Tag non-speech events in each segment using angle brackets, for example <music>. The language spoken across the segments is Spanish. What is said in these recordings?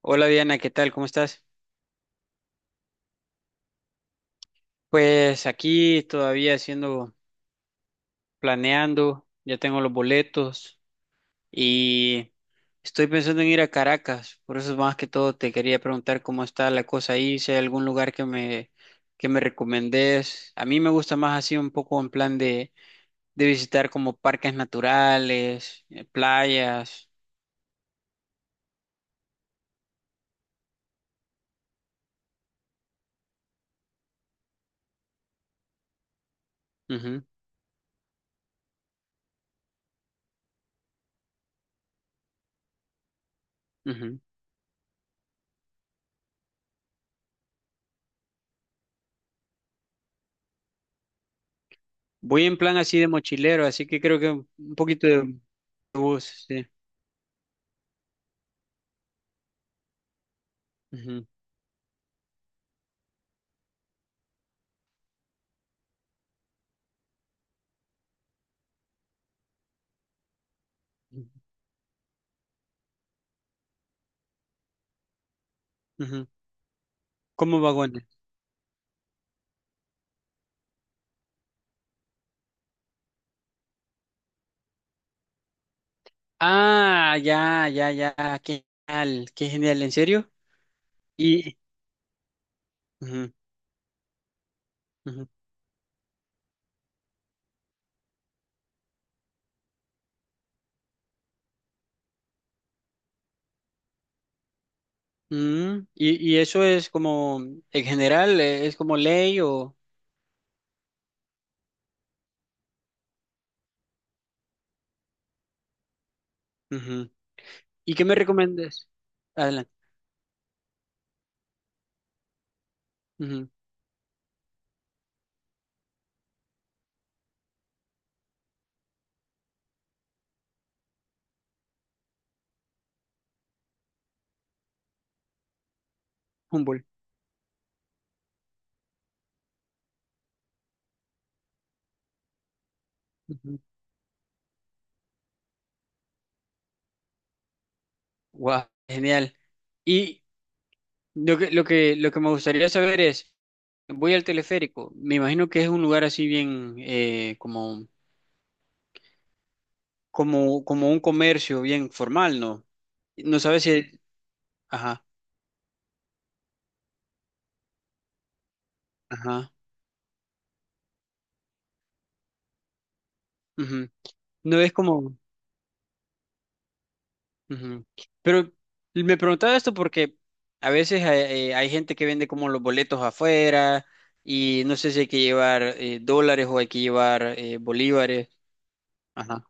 Hola Diana, ¿qué tal? ¿Cómo estás? Pues aquí todavía haciendo, planeando, ya tengo los boletos y estoy pensando en ir a Caracas, por eso más que todo te quería preguntar cómo está la cosa ahí, si hay algún lugar que me recomendés. A mí me gusta más así un poco en plan de visitar como parques naturales, playas. Ujú, ujú. Voy en plan así de mochilero, así que creo que un poquito de bus, sí. Ujú, ujú, ujú. ¿Cómo vagones? Ah, ya, ya, ya, qué genial, ¿en serio? Y, ujú, ujú. Mm, y eso es como, en general, es como ley o... Ujú. ¿Y qué me recomiendas? Adelante. Ujú, Humboldt. Ujú. Guau, genial. Y lo que me gustaría saber es, voy al teleférico, me imagino que es un lugar así bien, como, como un comercio bien formal, ¿no? No sabes si... Ajá, ajá. Ujú. No es como... Ujú. Pero me preguntaba esto porque a veces hay, hay gente que vende como los boletos afuera y no sé si hay que llevar dólares o hay que llevar bolívares. Ajá.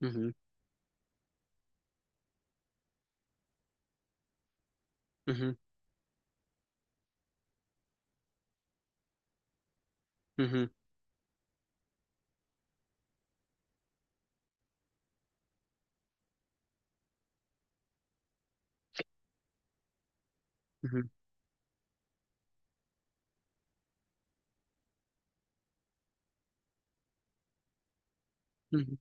Ujú, ujú, ujú, ujú, ujú.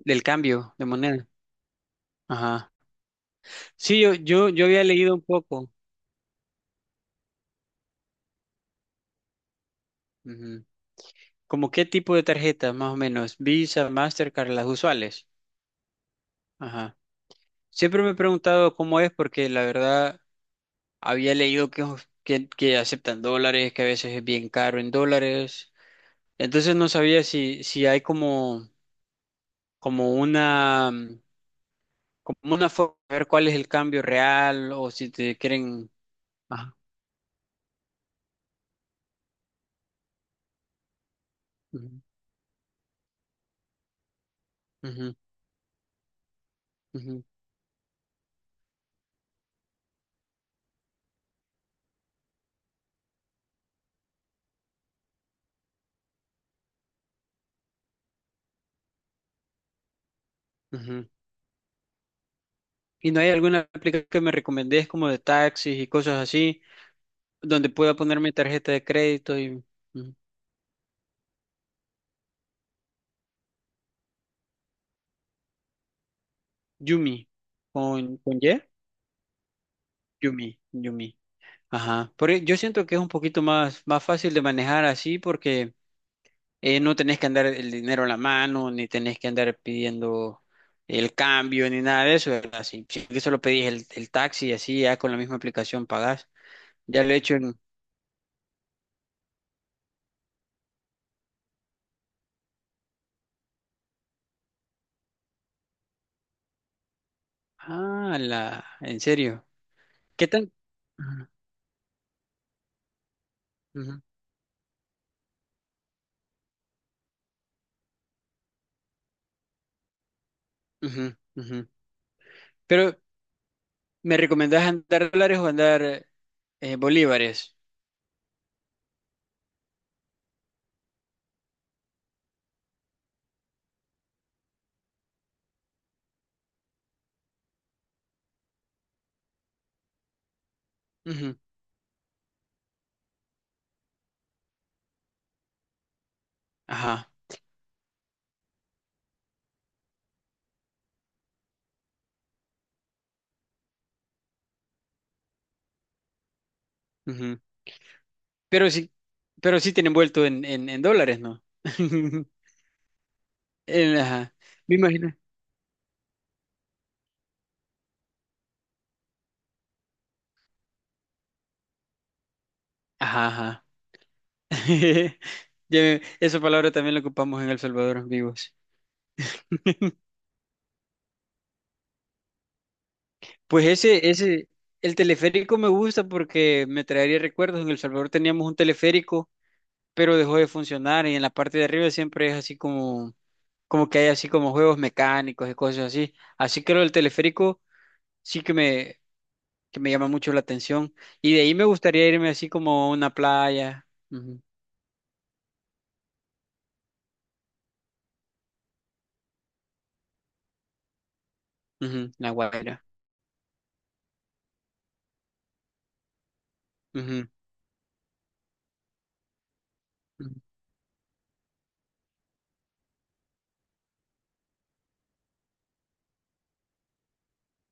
Del cambio de moneda. Ajá. Sí, yo había leído un poco. Ujú. Como qué tipo de tarjetas, más o menos. Visa, Mastercard, las usuales. Ajá. Siempre me he preguntado cómo es porque la verdad... Había leído que aceptan dólares, que a veces es bien caro en dólares. Entonces no sabía si, si hay como, como una, mm, como una forma de ver cuál es el cambio real o si te quieren. Ajá. Ujú, ujú, ujú, ujú. ¿Y no hay alguna aplicación que me recomendés como de taxis y cosas así, donde pueda poner mi tarjeta de crédito y ujú? Yumi con, ¿con Y? Yumi, Yumi. Ajá. Por, e- yo siento que es un poquito más, más fácil de manejar así porque no tenés que andar el dinero en la mano, ni tenés que andar pidiendo el cambio, ni nada de eso, ¿verdad? Si, si que solo pedís el taxi y así, ya con la misma aplicación pagás. Ya lo he hecho en... Ah, la... ¿En serio? ¿Qué tan...? Ujú, ujú, ujú. Pero, ¿me recomendás andar dólares o andar bolívares? Ujú, ajá, ujú. Pero sí, pero sí tienen vuelto en dólares, ¿no? <laughs> En- ajá. Me imagino. Ajá, ajá. <laughs> Ya, me- Esa palabra también la ocupamos en El Salvador, vivos. Pues ese, el teleférico me gusta porque me traería recuerdos. En El Salvador teníamos un teleférico, pero dejó de funcionar y en la parte de arriba siempre es así como, como que hay así como juegos mecánicos y cosas así. Así que lo del teleférico sí que me llama mucho la atención. Y de ahí me gustaría irme así como a una playa, ujú, ujú, La Guaira. Ujú, ujú,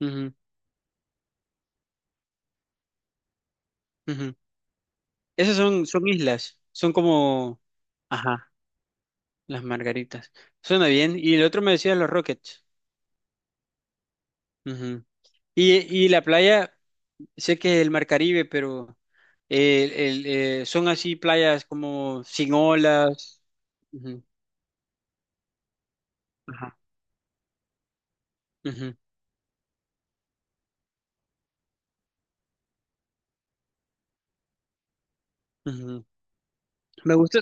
ujú, ujú. Esas son, son islas, son como... Ajá, las margaritas. Suena bien. Y el otro me decía los Rockets. Ujú. Y, y la playa, sé que es el Mar Caribe, pero el, son así playas como sin olas. Ujú. Ajá. Ujú, ujú. Me gusta.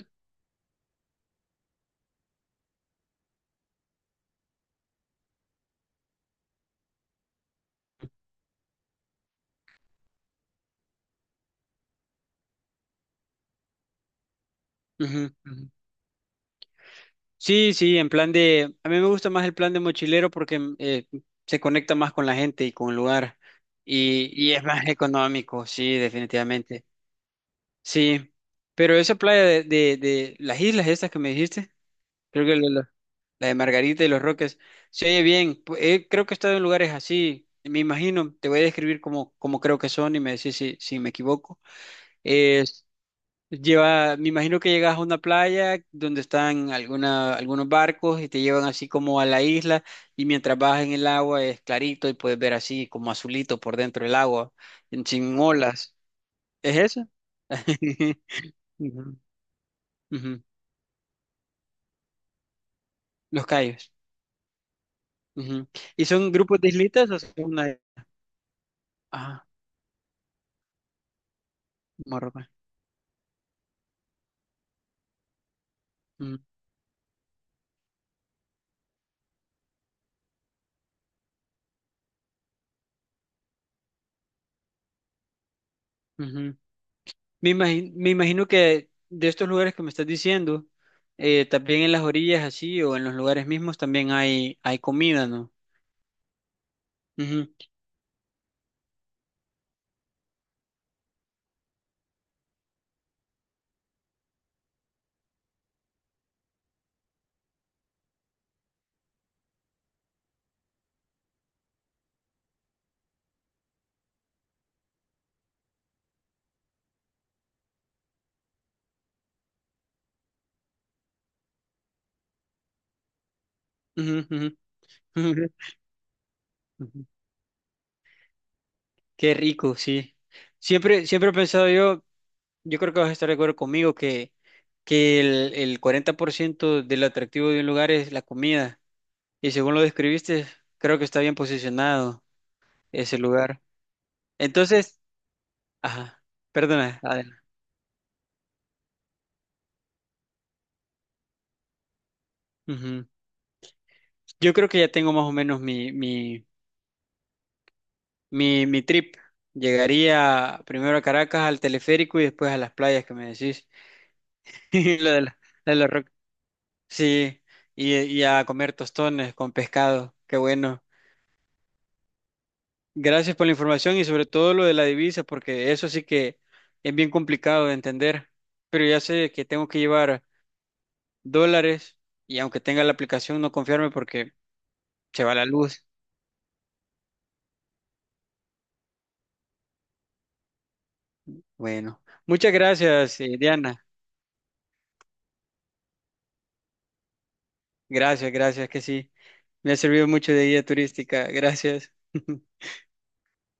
Ujú, ujú. Sí, sí, en plan de... A mí me gusta más el plan de mochilero porque mm, se conecta más con la gente y con el lugar. Y es <laughs> más económico, sí, definitivamente. Sí, pero esa playa de las islas estas que me dijiste, creo que la- la de Margarita y los Roques, se oye bien. Pu- creo que he estado en lugares así, me imagino, te voy a describir como, como creo que son y me decís si, si me equivoco. Es, lleva, me imagino que llegas a una playa donde están alguna, algunos barcos y te llevan así como a la isla y mientras vas en el agua es clarito y puedes ver así como azulito por dentro del agua, sin olas. ¿Es eso? <laughs> Ujú, ujú. Los Cayos. Ujú. ¿Y son grupos de islitas o son una... Ah, Marruecos. Mm, ujú. Me imagino que de estos lugares que me estás diciendo, también en las orillas así o en los lugares mismos también hay comida, ¿no? Ujú, ujú, ujú, ujú, ujú. Qué rico, sí. Siempre, siempre he pensado yo, yo creo que vas a estar de acuerdo conmigo que el 40% del atractivo de un lugar es la comida. Y según lo describiste, creo que está bien posicionado ese lugar. Entonces, ajá, perdona, Adela. Ujú. Yo creo que ya tengo más o menos mi trip. Llegaría primero a Caracas, al teleférico y después a las playas que me decís. <laughs> Y lo de la, la de la roca. Sí, y a comer tostones con pescado. Qué bueno. Gracias por la información y sobre todo lo de la divisa, porque eso sí que es bien complicado de entender. Pero ya sé que tengo que llevar dólares y aunque tenga la aplicación, no confiarme porque se va la luz. Bueno, muchas gracias, Diana. Gracias, gracias, que sí. Me ha servido mucho de guía turística. Gracias. <laughs>